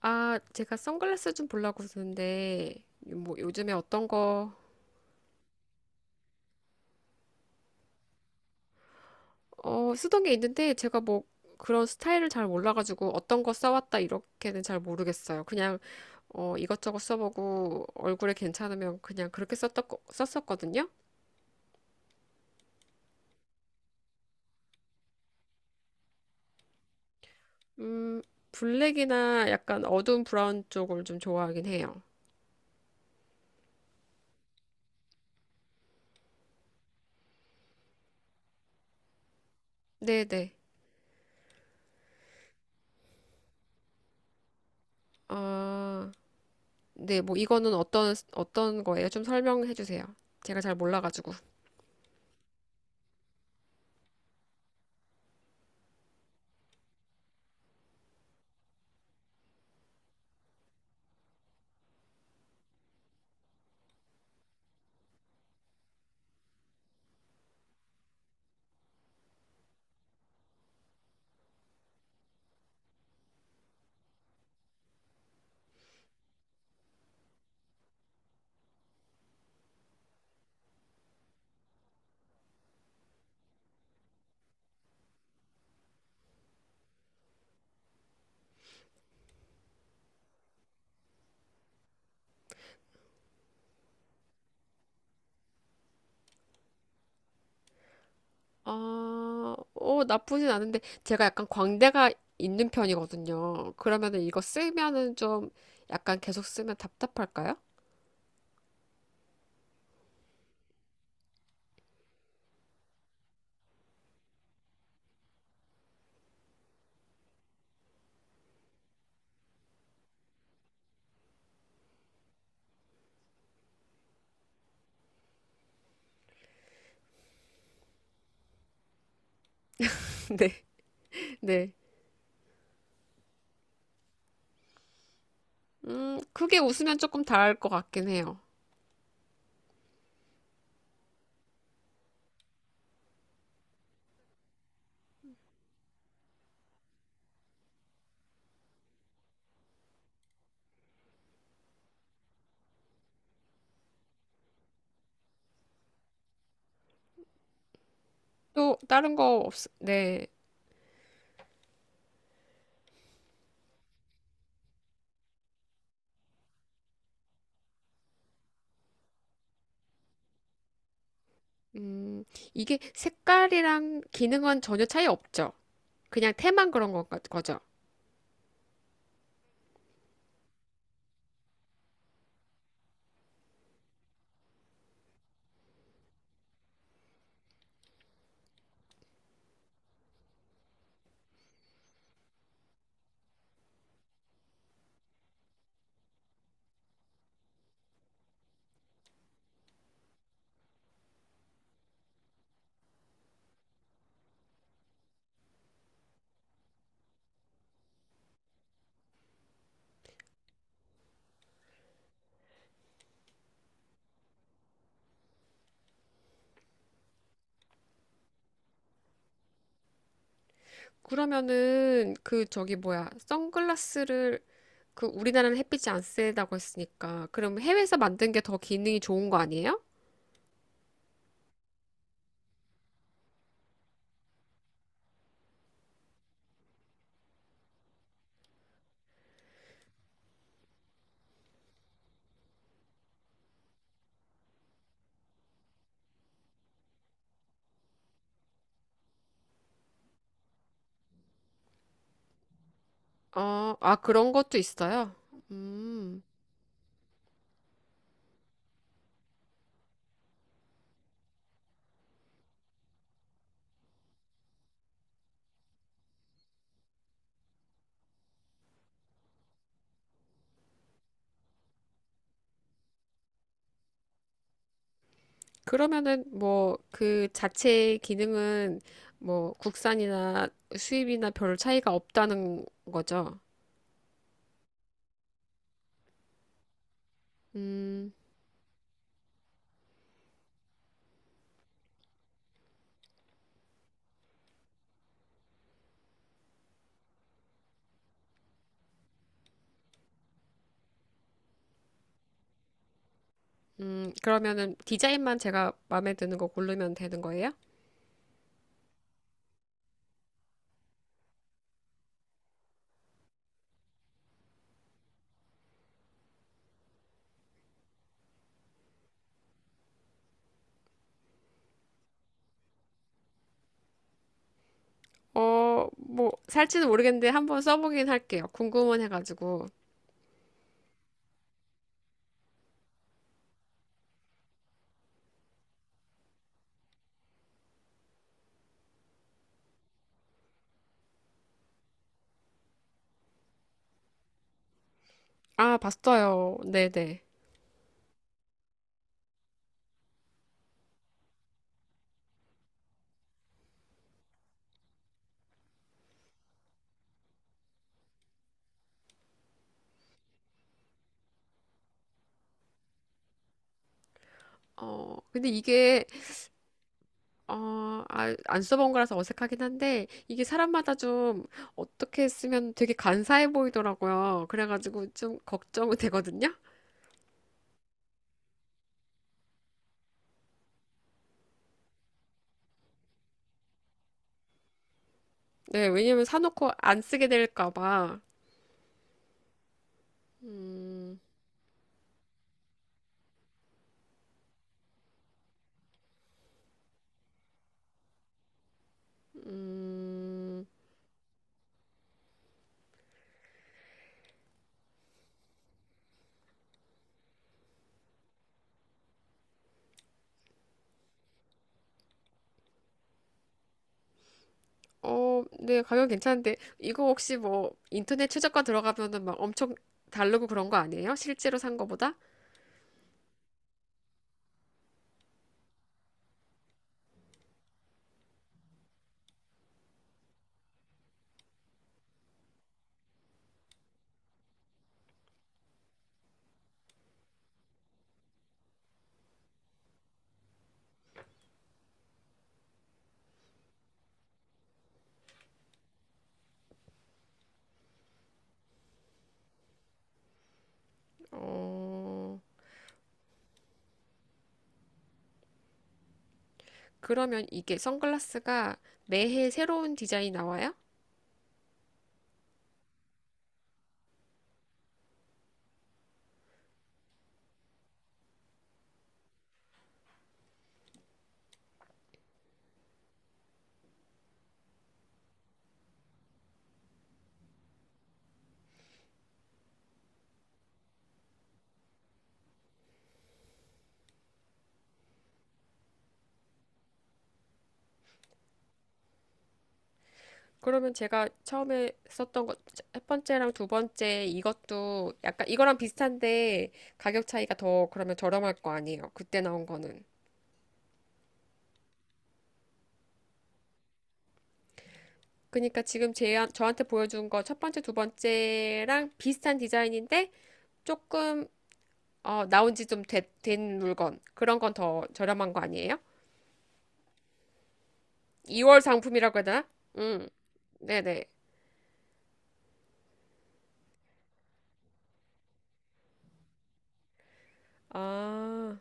아, 제가 선글라스 좀 보려고 그러는데, 뭐 요즘에 어떤 거, 어, 쓰던 게 있는데, 제가 뭐 그런 스타일을 잘 몰라가지고 어떤 거 써왔다 이렇게는 잘 모르겠어요. 그냥, 어, 이것저것 써보고 얼굴에 괜찮으면 그냥 그렇게 썼던, 썼었거든요. 음, 블랙이나 약간 어두운 브라운 쪽을 좀 좋아하긴 해요. 네네. 아, 네, 뭐 이거는 어떤 거예요? 좀 설명해 주세요. 제가 잘 몰라가지고. 아, 어, 나쁘진 않은데 제가 약간 광대가 있는 편이거든요. 그러면은 이거 쓰면은 좀 약간 계속 쓰면 답답할까요? 네, 네. 크게 웃으면 조금 다를 것 같긴 해요. 또 다른 거 없, 네. 음, 이게 색깔이랑 기능은 전혀 차이 없죠. 그냥 테만 거죠. 그러면은 그 저기 뭐야, 선글라스를 그 우리나라는 햇빛이 안 세다고 했으니까 그럼 해외에서 만든 게 더 기능이 좋은 거 아니에요? 어, 아, 그런 것도 있어요. 음, 그러면은 뭐 그 자체 기능은 뭐 국산이나 수입이나 별 차이가 없다는 거죠. 음, 그러면은 디자인만 제가 마음에 드는 거 고르면 되는 거예요? 어, 뭐 살지는 모르겠는데 한번 써보긴 할게요. 궁금은 해가지고. 아, 봤어요. 네네. 어, 근데 이게 어, 아, 안 써본 거라서 어색하긴 한데, 이게 사람마다 좀 어떻게 쓰면 되게 간사해 보이더라고요. 그래가지고 좀 걱정은 되거든요? 네, 왜냐면 사놓고 안 쓰게 될까 봐. 음, 음, 어, 네, 가격 괜찮은데, 이거 혹시 뭐 인터넷 최저가 들어가면은 막 엄청 다르고 그런 거 아니에요? 실제로 산 거보다? 어, 그러면 이게 선글라스가 매해 새로운 디자인 나와요? 그러면 제가 처음에 썼던 것, 첫 번째랑 두 번째 이것도 약간 이거랑 비슷한데 가격 차이가 더 그러면 저렴할 거 아니에요. 그때 나온 거는. 그러니까 지금 저한테 보여준 거 첫 번째, 두 번째랑 비슷한 디자인인데 조금 어, 나온 지 좀 된 물건. 그런 건 더 저렴한 거 아니에요? 2월 상품이라고 해야 되나? 음. 네네. 아,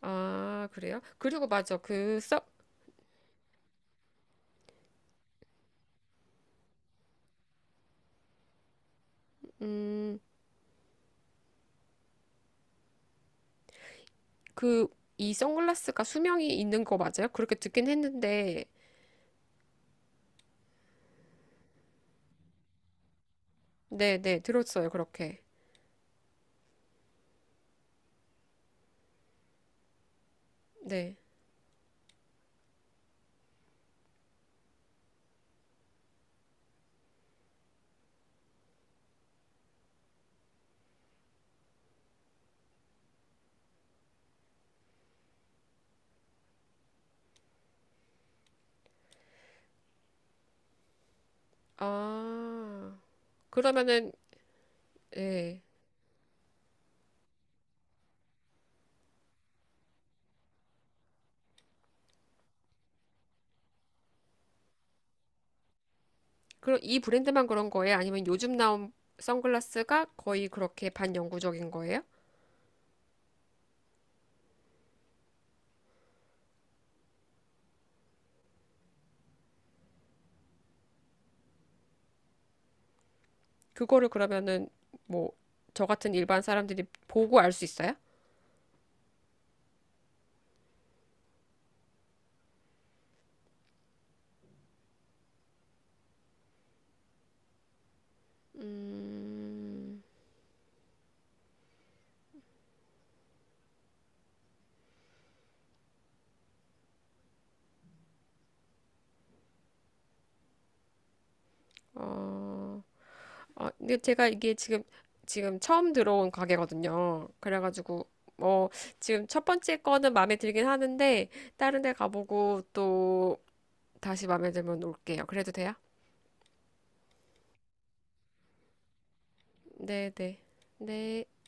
아, 그래요? 그리고 맞아. 그 써, 음. 그, 이 선글라스가 수명이 있는 거 맞아요? 그렇게 듣긴 했는데, 네, 네, 들었어요, 그렇게. 네. 아, 그러면은, 예. 그럼 이 브랜드만 그런 거예요? 아니면 요즘 나온 선글라스가 거의 그렇게 반영구적인 거예요? 그거를 그러면은, 뭐, 저 같은 일반 사람들이 보고 알 수 있어요? 음, 어, 아, 근데 제가 이게 지금 처음 들어온 가게거든요. 그래가지고 뭐 지금 첫 번째 거는 마음에 들긴 하는데 다른 데 가보고 또 다시 마음에 들면 올게요. 그래도 돼요? 네, 네. 네.